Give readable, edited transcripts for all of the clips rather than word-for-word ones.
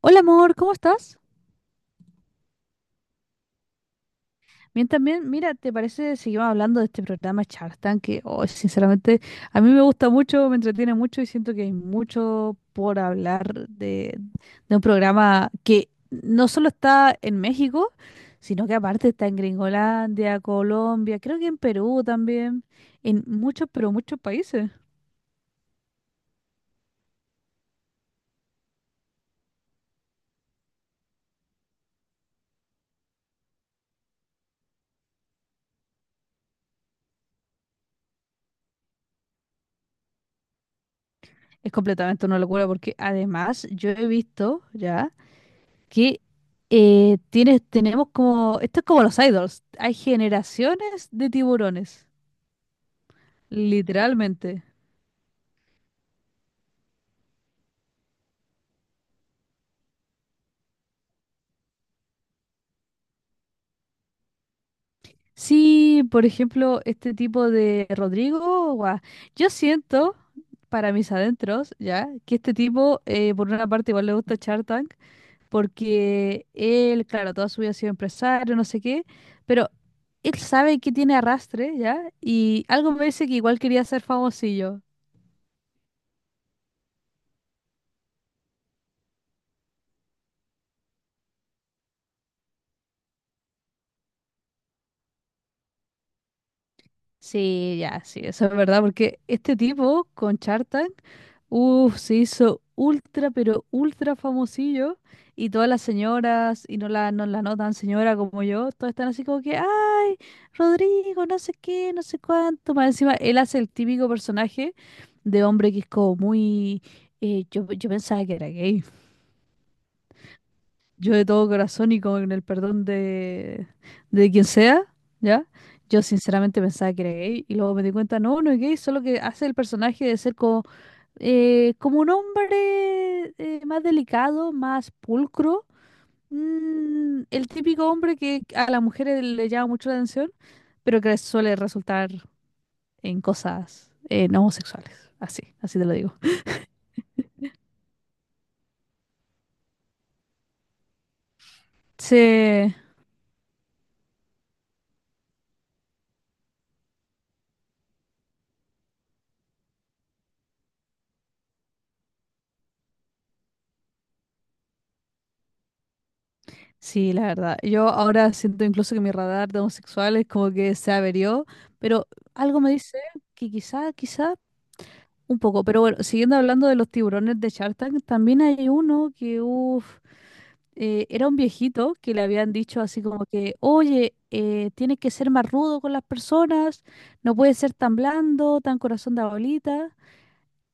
Hola amor, ¿cómo estás? Bien, también, mira, ¿te parece seguimos hablando de este programa Shark Tank? Que, oh, sinceramente, a mí me gusta mucho, me entretiene mucho y siento que hay mucho por hablar de un programa que no solo está en México, sino que aparte está en Gringolandia, Colombia, creo que en Perú también, en muchos, pero muchos países. Es completamente una locura porque además yo he visto, ¿ya? Que tenemos como, esto es como los idols, hay generaciones de tiburones, literalmente. Sí, por ejemplo, este tipo de Rodrigo, guau, yo siento, para mis adentros, ya, que este tipo, por una parte, igual le gusta Shark Tank, porque él, claro, toda su vida ha sido empresario, no sé qué, pero él sabe que tiene arrastre, ya, y algo me dice que igual quería ser famosillo. Sí, ya, sí, eso es verdad, porque este tipo con Shark Tank, uff, se hizo ultra, pero ultra famosillo, y todas las señoras, y no la notan señora como yo, todas están así como que, ay, Rodrigo, no sé qué, no sé cuánto, más encima, él hace el típico personaje de hombre que es como muy, yo pensaba que era gay, yo de todo corazón y con el perdón de quien sea, ¿ya? Yo sinceramente pensaba que era gay y luego me di cuenta, no, no es gay, solo que hace el personaje de ser como, como un hombre más delicado, más pulcro, el típico hombre que a las mujeres le llama mucho la atención, pero que suele resultar en cosas no homosexuales, así, así te lo digo. Sí, sí, la verdad. Yo ahora siento incluso que mi radar de homosexuales como que se averió, pero algo me dice que quizá, quizá un poco. Pero bueno, siguiendo hablando de los tiburones de Shark Tank, también hay uno que, uff, era un viejito que le habían dicho así como que, oye, tienes que ser más rudo con las personas, no puedes ser tan blando, tan corazón de abuelita.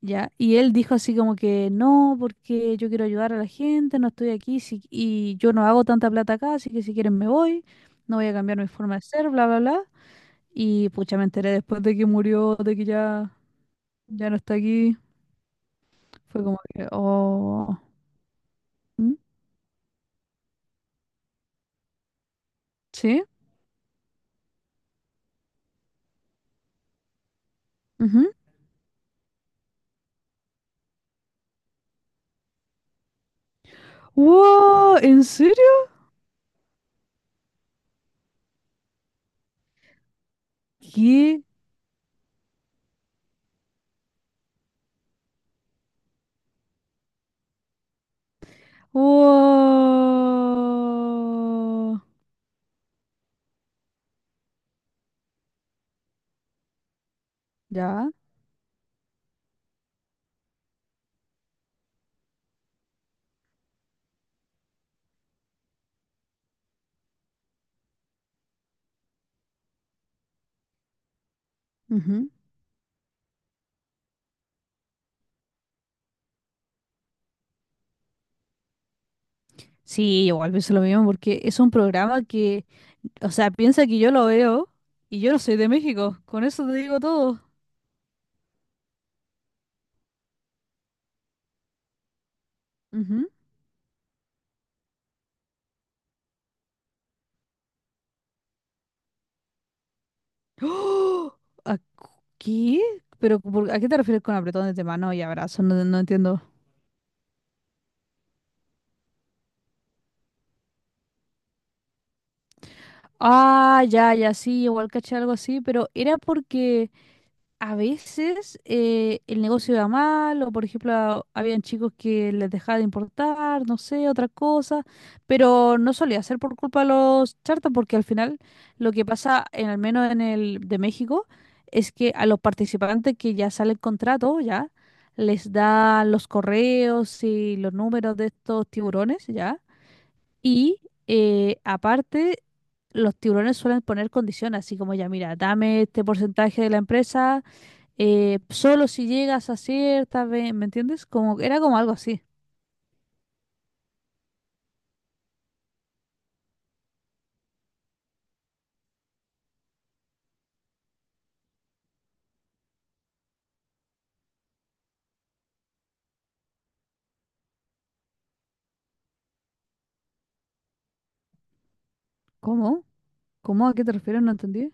Ya, y él dijo así como que no, porque yo quiero ayudar a la gente, no estoy aquí y yo no hago tanta plata acá, así que si quieren me voy, no voy a cambiar mi forma de ser, bla, bla, bla. Y pucha, me enteré después de que murió, de que ya, ya no está aquí. Fue como que, oh, ¿Mm? ¿Sí? Ujú. ¡Wow! ¿En serio? ¿Qué? ¡Wow! Ya. Ujú. Sí, igual pienso lo mismo porque es un programa que o sea, piensa que yo lo veo y yo no soy de México. Con eso te digo todo. Ujú. ¡Oh! ¿A qué? ¿Pero a qué te refieres con apretones de mano y abrazos? No, no entiendo. Ah, ya, ya, sí, igual caché algo así, pero era porque a veces el negocio iba mal, o por ejemplo, habían chicos que les dejaba de importar, no sé, otra cosa, pero no solía ser por culpa de los charters, porque al final lo que pasa, al menos en el de México, es que a los participantes que ya sale el contrato, ya, les dan los correos y los números de estos tiburones, ya, y aparte, los tiburones suelen poner condiciones, así como ya, mira, dame este porcentaje de la empresa solo si llegas a cierta, ¿me entiendes? Como, era como algo así. ¿Cómo? ¿Cómo? ¿A qué te refieres? No entendí.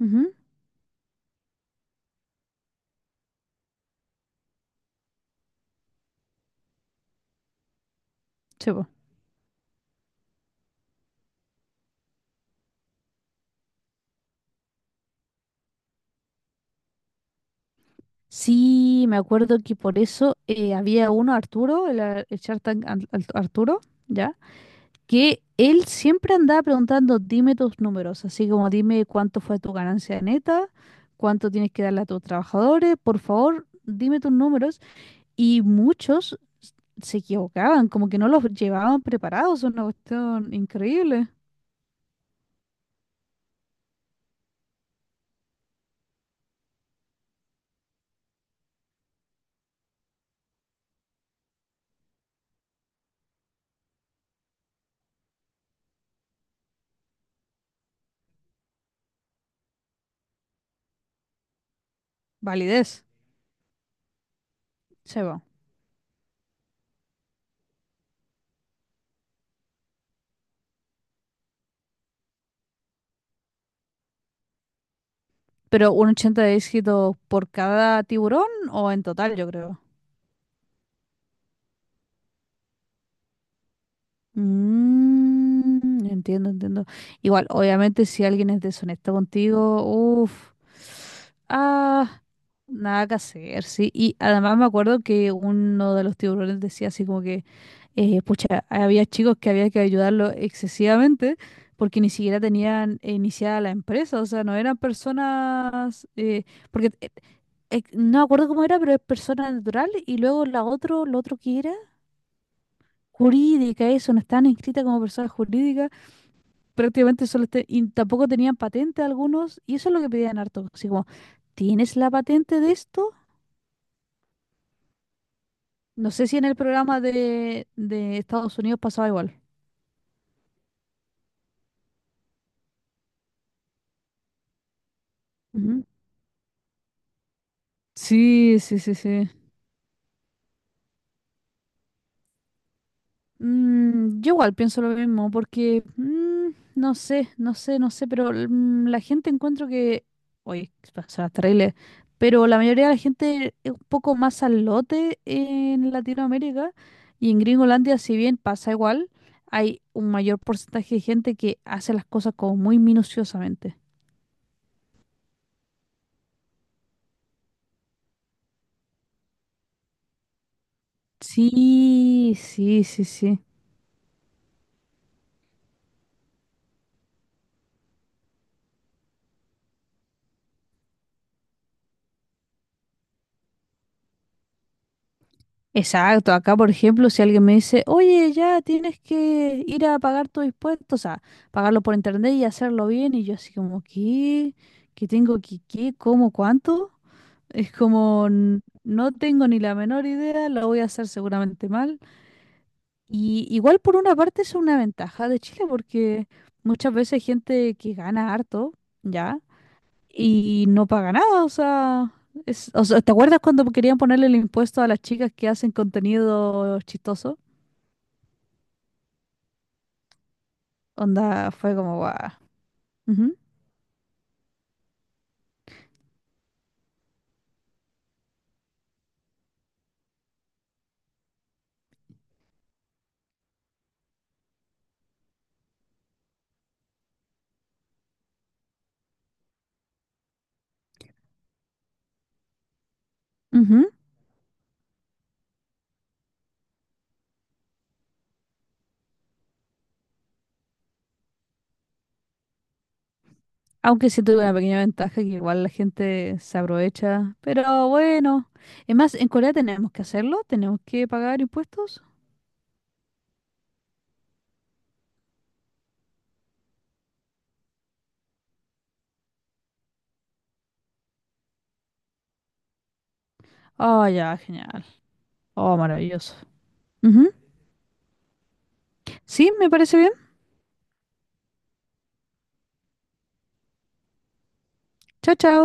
Ujú, sí, po. Sí, me acuerdo que por eso había uno, Arturo, el Shark Tank Arturo, ¿ya? Que él siempre andaba preguntando, dime tus números, así como dime cuánto fue tu ganancia neta, cuánto tienes que darle a tus trabajadores, por favor, dime tus números. Y muchos se equivocaban, como que no los llevaban preparados, es una cuestión increíble. Validez, se va. Pero un 80 de éxito por cada tiburón o en total, yo creo. Entiendo, entiendo. Igual, obviamente, si alguien es deshonesto contigo, uff, ah, nada que hacer, sí. Y además me acuerdo que uno de los tiburones decía así como que pucha, había chicos que había que ayudarlo excesivamente porque ni siquiera tenían iniciada la empresa, o sea, no eran personas, porque no me acuerdo cómo era, pero es persona natural y luego lo otro que era jurídica, eso, no estaban inscritas como personas jurídicas, prácticamente solo y tampoco tenían patente algunos, y eso es lo que pedían harto, así como, ¿tienes la patente de esto? No sé si en el programa de Estados Unidos pasaba igual. Ujú. Sí, sí, sí, sí. Yo igual pienso lo mismo, porque no sé, no sé, no sé, pero la gente encuentro que, oye, suena terrible, pero la mayoría de la gente es un poco más al lote en Latinoamérica y en Gringolandia, si bien pasa igual, hay un mayor porcentaje de gente que hace las cosas como muy minuciosamente. Sí, sí, sí, sí. Exacto, acá por ejemplo, si alguien me dice, oye, ya tienes que ir a pagar tu impuesto, o sea, pagarlo por internet y hacerlo bien, y yo así como, ¿qué? ¿Qué tengo que, qué, cómo, cuánto? Es como, no tengo ni la menor idea, lo voy a hacer seguramente mal. Y igual por una parte es una ventaja de Chile, porque muchas veces gente que gana harto, ¿ya? Y no paga nada, o sea, o sea, ¿te acuerdas cuando querían ponerle el impuesto a las chicas que hacen contenido chistoso? Onda, fue como, guau. Ujú, ujú. Aunque sí tuve una pequeña ventaja que igual la gente se aprovecha, pero bueno. Es más, en Corea tenemos que hacerlo, tenemos que pagar impuestos. Oh, ya, genial. Oh, maravilloso. Ujú. Sí, me parece bien. Chao, chao.